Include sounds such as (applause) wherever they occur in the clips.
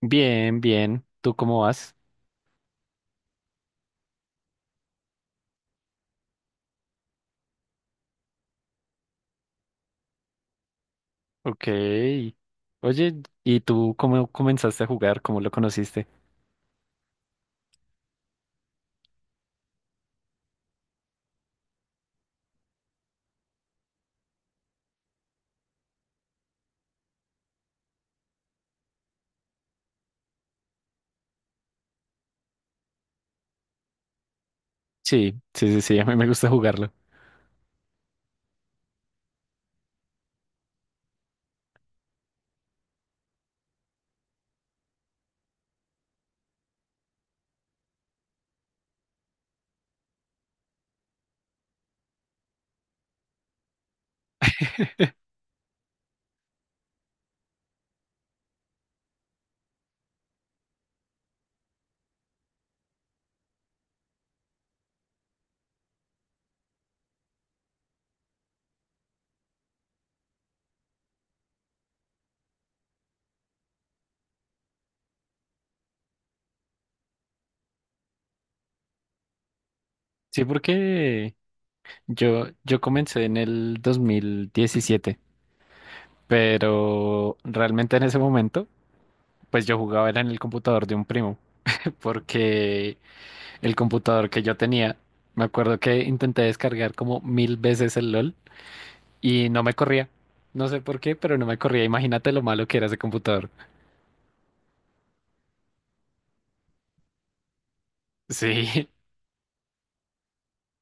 Bien, bien. ¿Tú cómo vas? Ok. Oye, ¿y tú cómo comenzaste a jugar? ¿Cómo lo conociste? Sí, sí, sí, sí, a mí me gusta jugarlo. (laughs) Sí, porque yo comencé en el 2017. Pero realmente en ese momento, pues yo jugaba era en el computador de un primo, (laughs) porque el computador que yo tenía, me acuerdo que intenté descargar como mil veces el LOL y no me corría. No sé por qué, pero no me corría. Imagínate lo malo que era ese computador. Sí,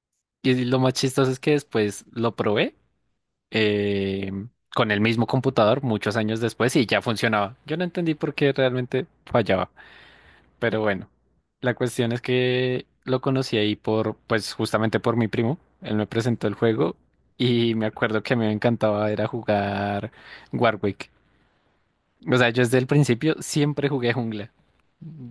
(laughs) y lo más chistoso es que después lo probé eh, con el mismo computador muchos años después y ya funcionaba. Yo no entendí por qué realmente fallaba, pero bueno, la cuestión es que lo conocí ahí por, pues justamente por mi primo, él me presentó el juego y me acuerdo que a mí me encantaba era jugar Warwick. O sea, yo desde el principio siempre jugué jungla.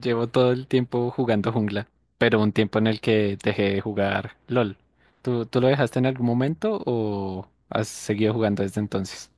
Llevo todo el tiempo jugando jungla, pero un tiempo en el que dejé de jugar LOL. ¿Tú lo dejaste en algún momento o has seguido jugando desde entonces?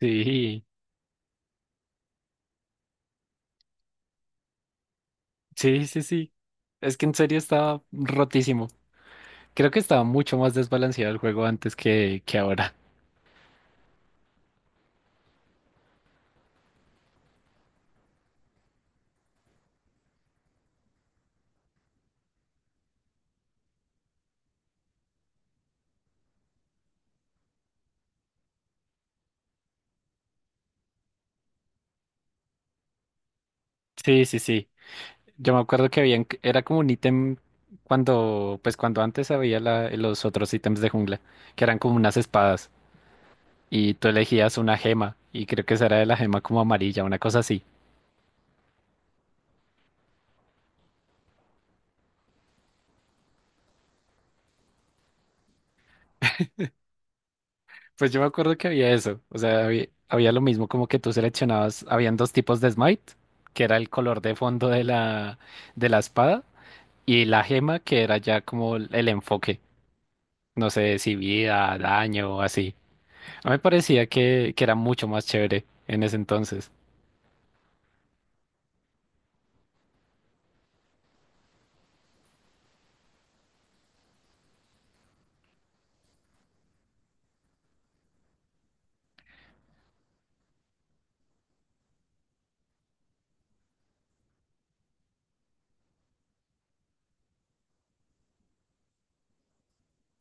Sí, sí, sí, sí. Es que en serio estaba rotísimo. Creo que estaba mucho más desbalanceado el juego antes que ahora. Sí, sí, sí. Yo me acuerdo que había, era como un ítem cuando, pues cuando antes había los otros ítems de jungla, que eran como unas espadas. Y tú elegías una gema y creo que esa era de la gema como amarilla, una cosa así. Pues yo me acuerdo que había eso, o sea, había lo mismo como que tú seleccionabas, habían dos tipos de smite, que era el color de fondo de la espada y la gema que era ya como el enfoque, no sé si vida, daño o así. A mí me parecía que era mucho más chévere en ese entonces.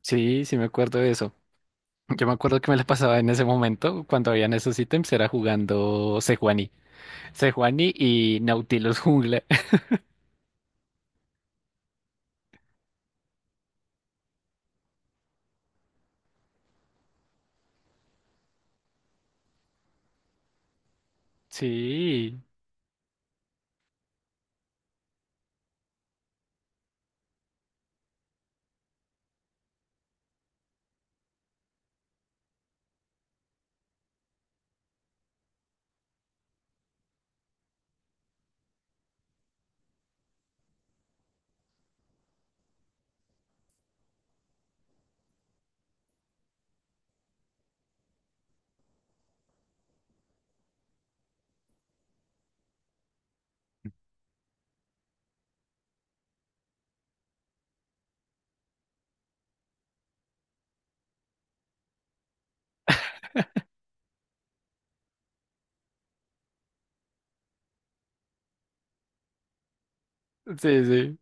Sí, sí me acuerdo de eso. Yo me acuerdo que me la pasaba en ese momento cuando habían esos ítems, era jugando Sejuani. Sejuani y Nautilus Jungla. (laughs) Sí, sí, sí.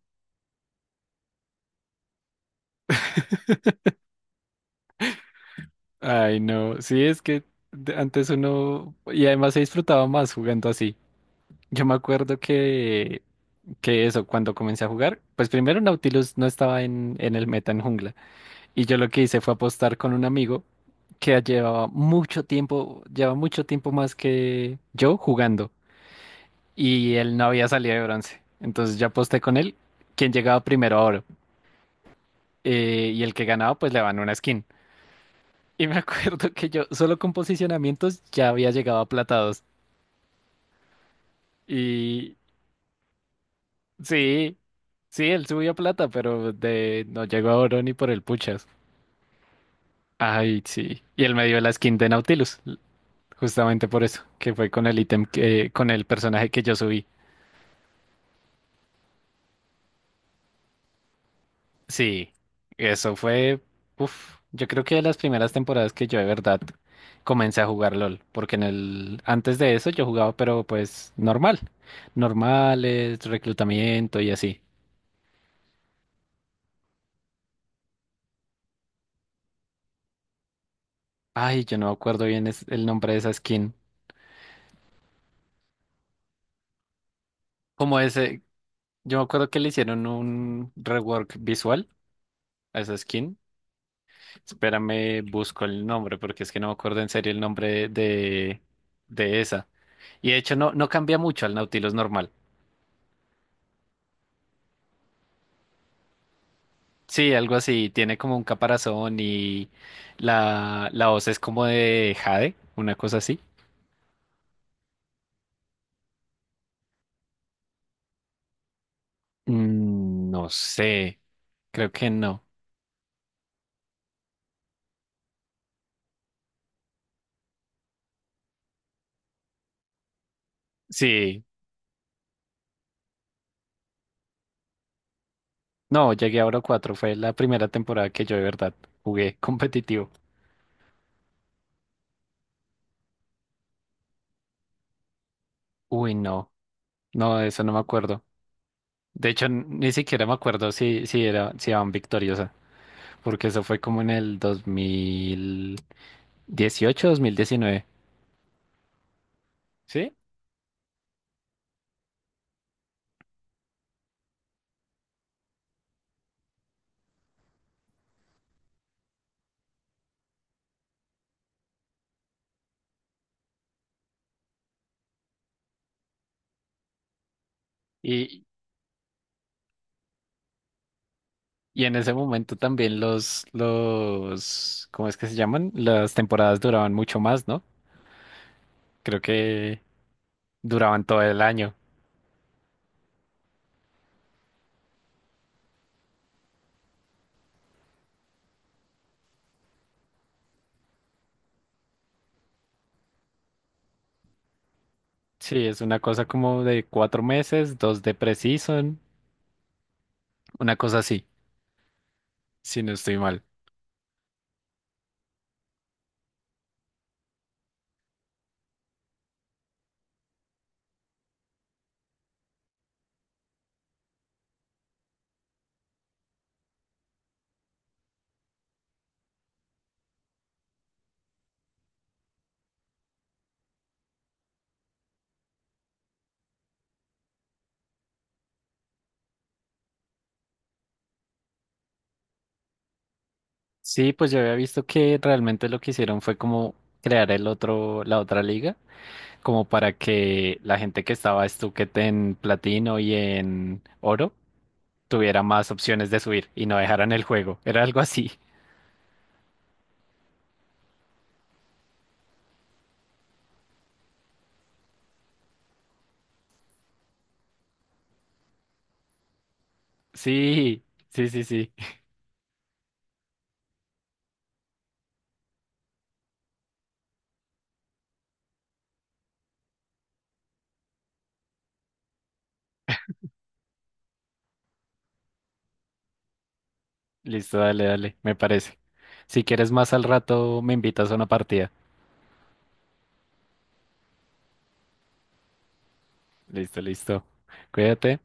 Ay, no. Sí, es que antes uno. Y además se disfrutaba más jugando así. Yo me acuerdo que eso, cuando comencé a jugar, pues primero Nautilus no estaba en el meta en jungla. Y yo lo que hice fue apostar con un amigo que llevaba mucho tiempo, lleva mucho tiempo más que yo jugando. Y él no había salido de bronce. Entonces yo aposté con él, quien llegaba primero ahora, y el que ganaba pues le van una skin. Y me (laughs) acuerdo que yo solo con posicionamientos ya había llegado a plata 2. Y sí, sí, él subió a plata, pero de no llegó a oro ni por el puchas. Ay, sí. Y él me dio la skin de Nautilus, justamente por eso, que fue con el ítem con el personaje que yo subí. Sí, eso fue, uf, yo creo que de las primeras temporadas que yo de verdad comencé a jugar LOL, porque antes de eso yo jugaba, pero pues normales, reclutamiento y así. Ay, yo no me acuerdo bien el nombre de esa skin. Como ese, yo me acuerdo que le hicieron un rework visual a esa skin. Espérame, busco el nombre, porque es que no me acuerdo en serio el nombre de esa. Y de hecho no cambia mucho al Nautilus normal. Sí, algo así. Tiene como un caparazón y la voz es como de Jade, una cosa así. No sé, creo que no. Sí, no, llegué a Oro 4. Fue la primera temporada que yo de verdad jugué (laughs) competitivo. Uy, no, no, de eso no me acuerdo. De hecho, ni siquiera me acuerdo si, era, si iban victoriosa, porque eso fue como en el 2018, 2019. ¿Sí? Y, Y en ese momento también ¿cómo es que se llaman? Las temporadas duraban mucho más, ¿no? Creo que duraban todo el año. Sí, es una cosa como de 4 meses, dos de pre-season, una cosa así, si no estoy mal. Sí, pues yo había visto que realmente lo que hicieron fue como crear la otra liga, como para que la gente que estaba estuquete en platino y en oro tuviera más opciones de subir y no dejaran el juego. Era algo así. Sí, sí, sí, sí. (laughs) Listo, dale, dale, me parece. Si quieres más al rato, me invitas a una partida. Listo, listo. Cuídate.